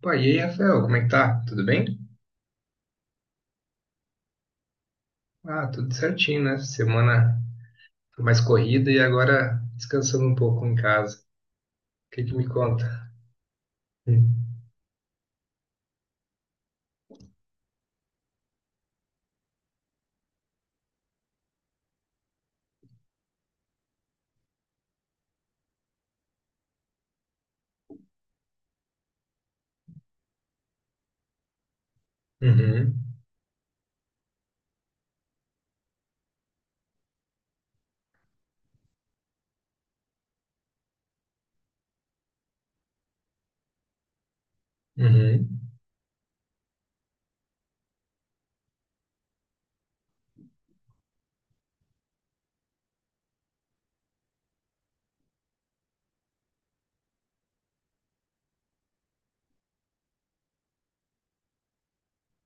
Pô, e aí, Rafael, como é que tá? Tudo bem? Ah, tudo certinho, né? Semana foi mais corrida e agora descansando um pouco em casa. O que que me conta? Hum. Uhum, uhum.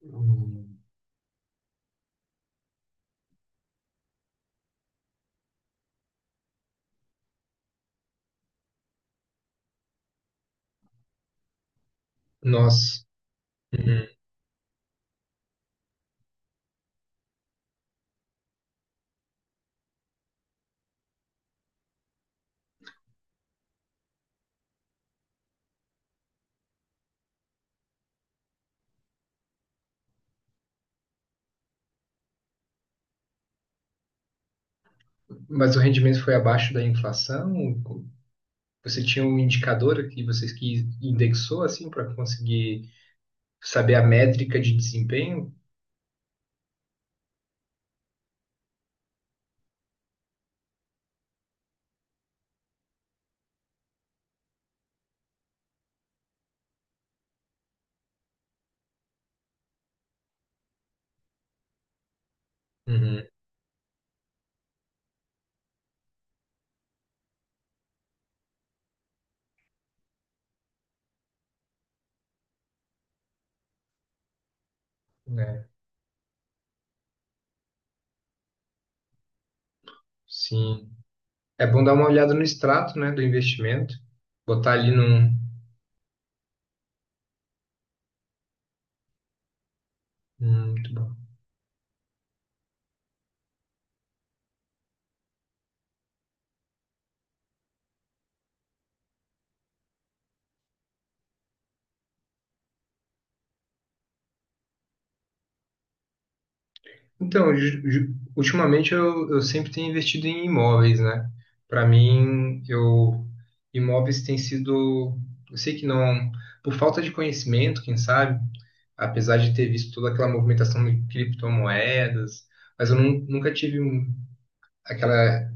Hum, nossa. Uhum. Mas o rendimento foi abaixo da inflação? Você tinha um indicador que vocês que indexou assim para conseguir saber a métrica de desempenho? Uhum, né? Sim. É bom dar uma olhada no extrato, né, do investimento, botar ali num, hum, muito bom. Então, ultimamente eu sempre tenho investido em imóveis, né? Para mim, eu imóveis tem sido, eu sei que não, por falta de conhecimento, quem sabe, apesar de ter visto toda aquela movimentação de criptomoedas, mas nunca tive aquela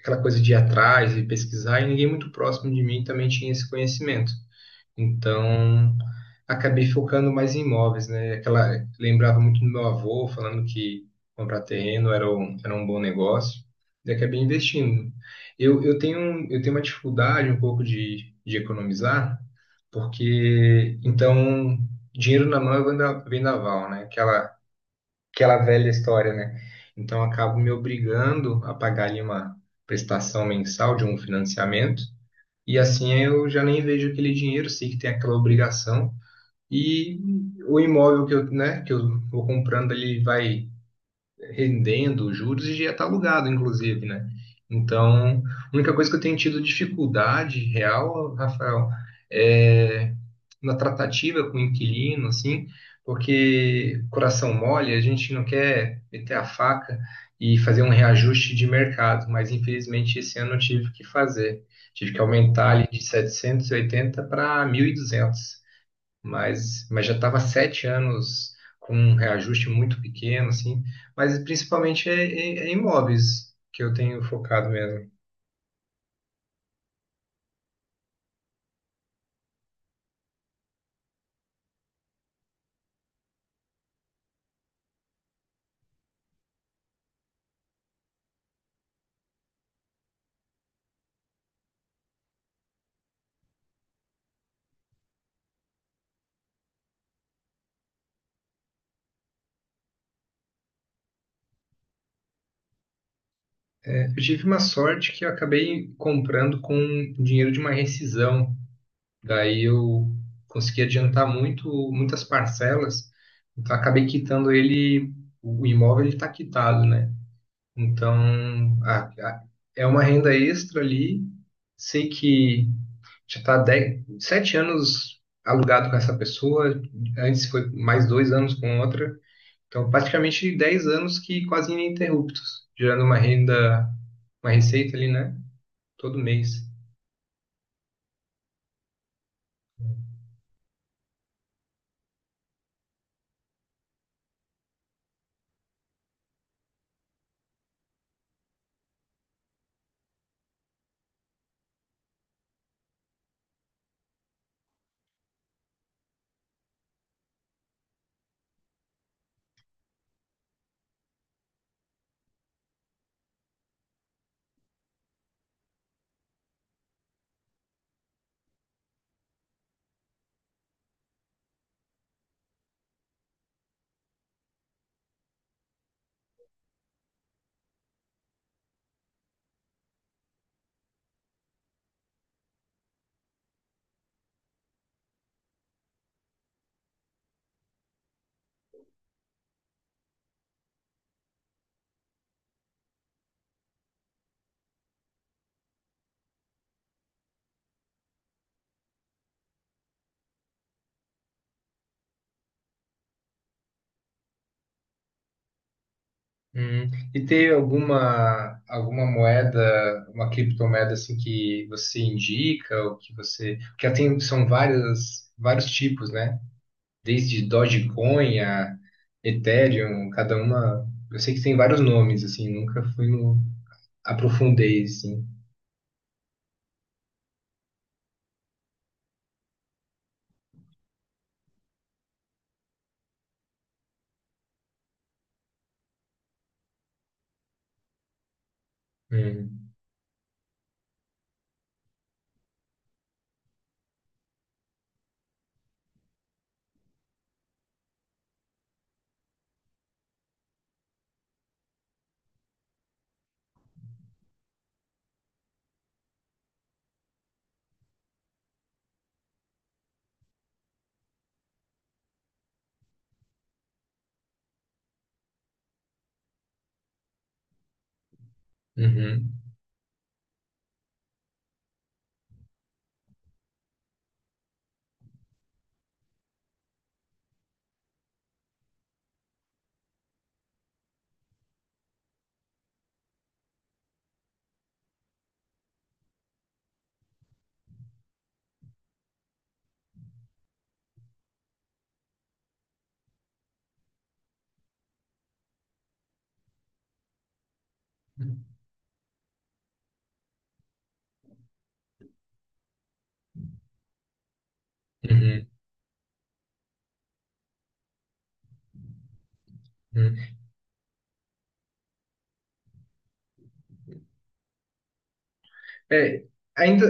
aquela coisa de ir atrás e pesquisar, e ninguém muito próximo de mim também tinha esse conhecimento. Então, acabei focando mais em imóveis, né? Aquela, lembrava muito do meu avô falando que comprar terreno era um bom negócio, e acabei investindo. Eu tenho uma dificuldade um pouco de economizar, porque, então, dinheiro na mão é vendaval, né? Aquela, aquela velha história, né? Então, eu acabo me obrigando a pagar ali uma prestação mensal de um financiamento, e assim eu já nem vejo aquele dinheiro, sei que tem aquela obrigação. E o imóvel que eu vou comprando, ele vai rendendo juros e já está alugado, inclusive, né? Então, a única coisa que eu tenho tido dificuldade real, Rafael, é na tratativa com o inquilino, assim, porque coração mole, a gente não quer meter a faca e fazer um reajuste de mercado, mas infelizmente esse ano eu tive que fazer. Tive que aumentar ali de 780 para 1.200, mas, já estava sete anos com um reajuste muito pequeno, assim, mas principalmente é imóveis que eu tenho focado mesmo. É, eu tive uma sorte que eu acabei comprando com dinheiro de uma rescisão, daí eu consegui adiantar muito, muitas parcelas, então acabei quitando ele, o imóvel ele está quitado, né? Então, a- a- é uma renda extra ali. Sei que já está sete anos alugado com essa pessoa, antes foi mais dois anos com outra. Então, praticamente 10 anos que quase ininterruptos, gerando uma renda, uma receita ali, né? Todo mês. E ter alguma moeda, uma criptomoeda assim que você indica, ou que você, porque tem, são várias vários tipos, né? Desde Dogecoin a Ethereum, cada uma. Eu sei que tem vários nomes, assim, nunca fui no. Aprofundei, assim. Hum, uhum, uhum, uhum. É, ainda.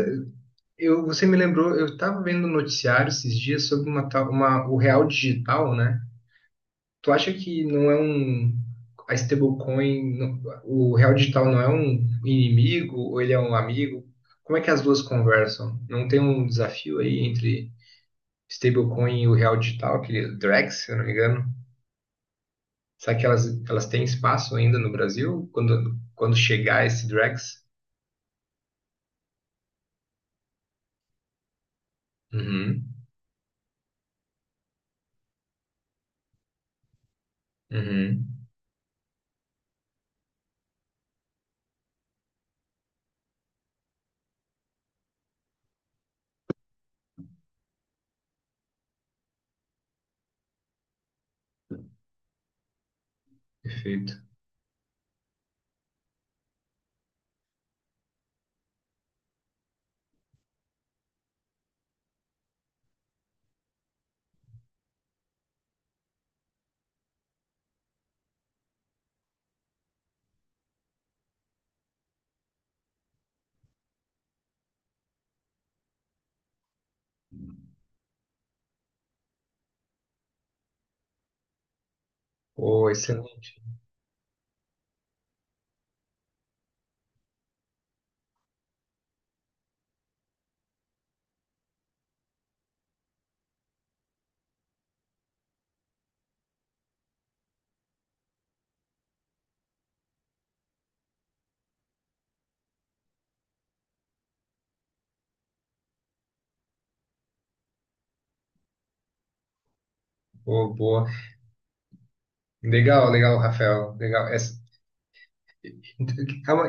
Eu, você me lembrou, eu estava vendo um noticiário esses dias sobre o real digital, né? Tu acha que não é um. A stablecoin, o real digital não é um inimigo ou ele é um amigo? Como é que as duas conversam? Não tem um desafio aí entre stablecoin e o real digital, aquele Drex, se eu não me engano. Será que elas têm espaço ainda no Brasil quando, quando chegar esse Drex? Uhum, uhum, perfeito. Oh, excelente. Oh, boa. Legal, legal, Rafael. Legal. Essa-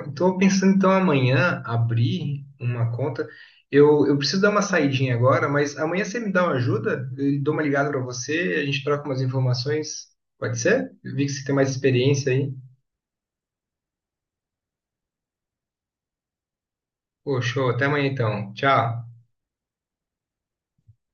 estou pensando então amanhã abrir uma conta. Eu preciso dar uma saidinha agora, mas amanhã você me dá uma ajuda? Eu dou uma ligada para você, a gente troca umas informações. Pode ser? Eu vi que você tem mais experiência aí. Pô, até amanhã então. Tchau.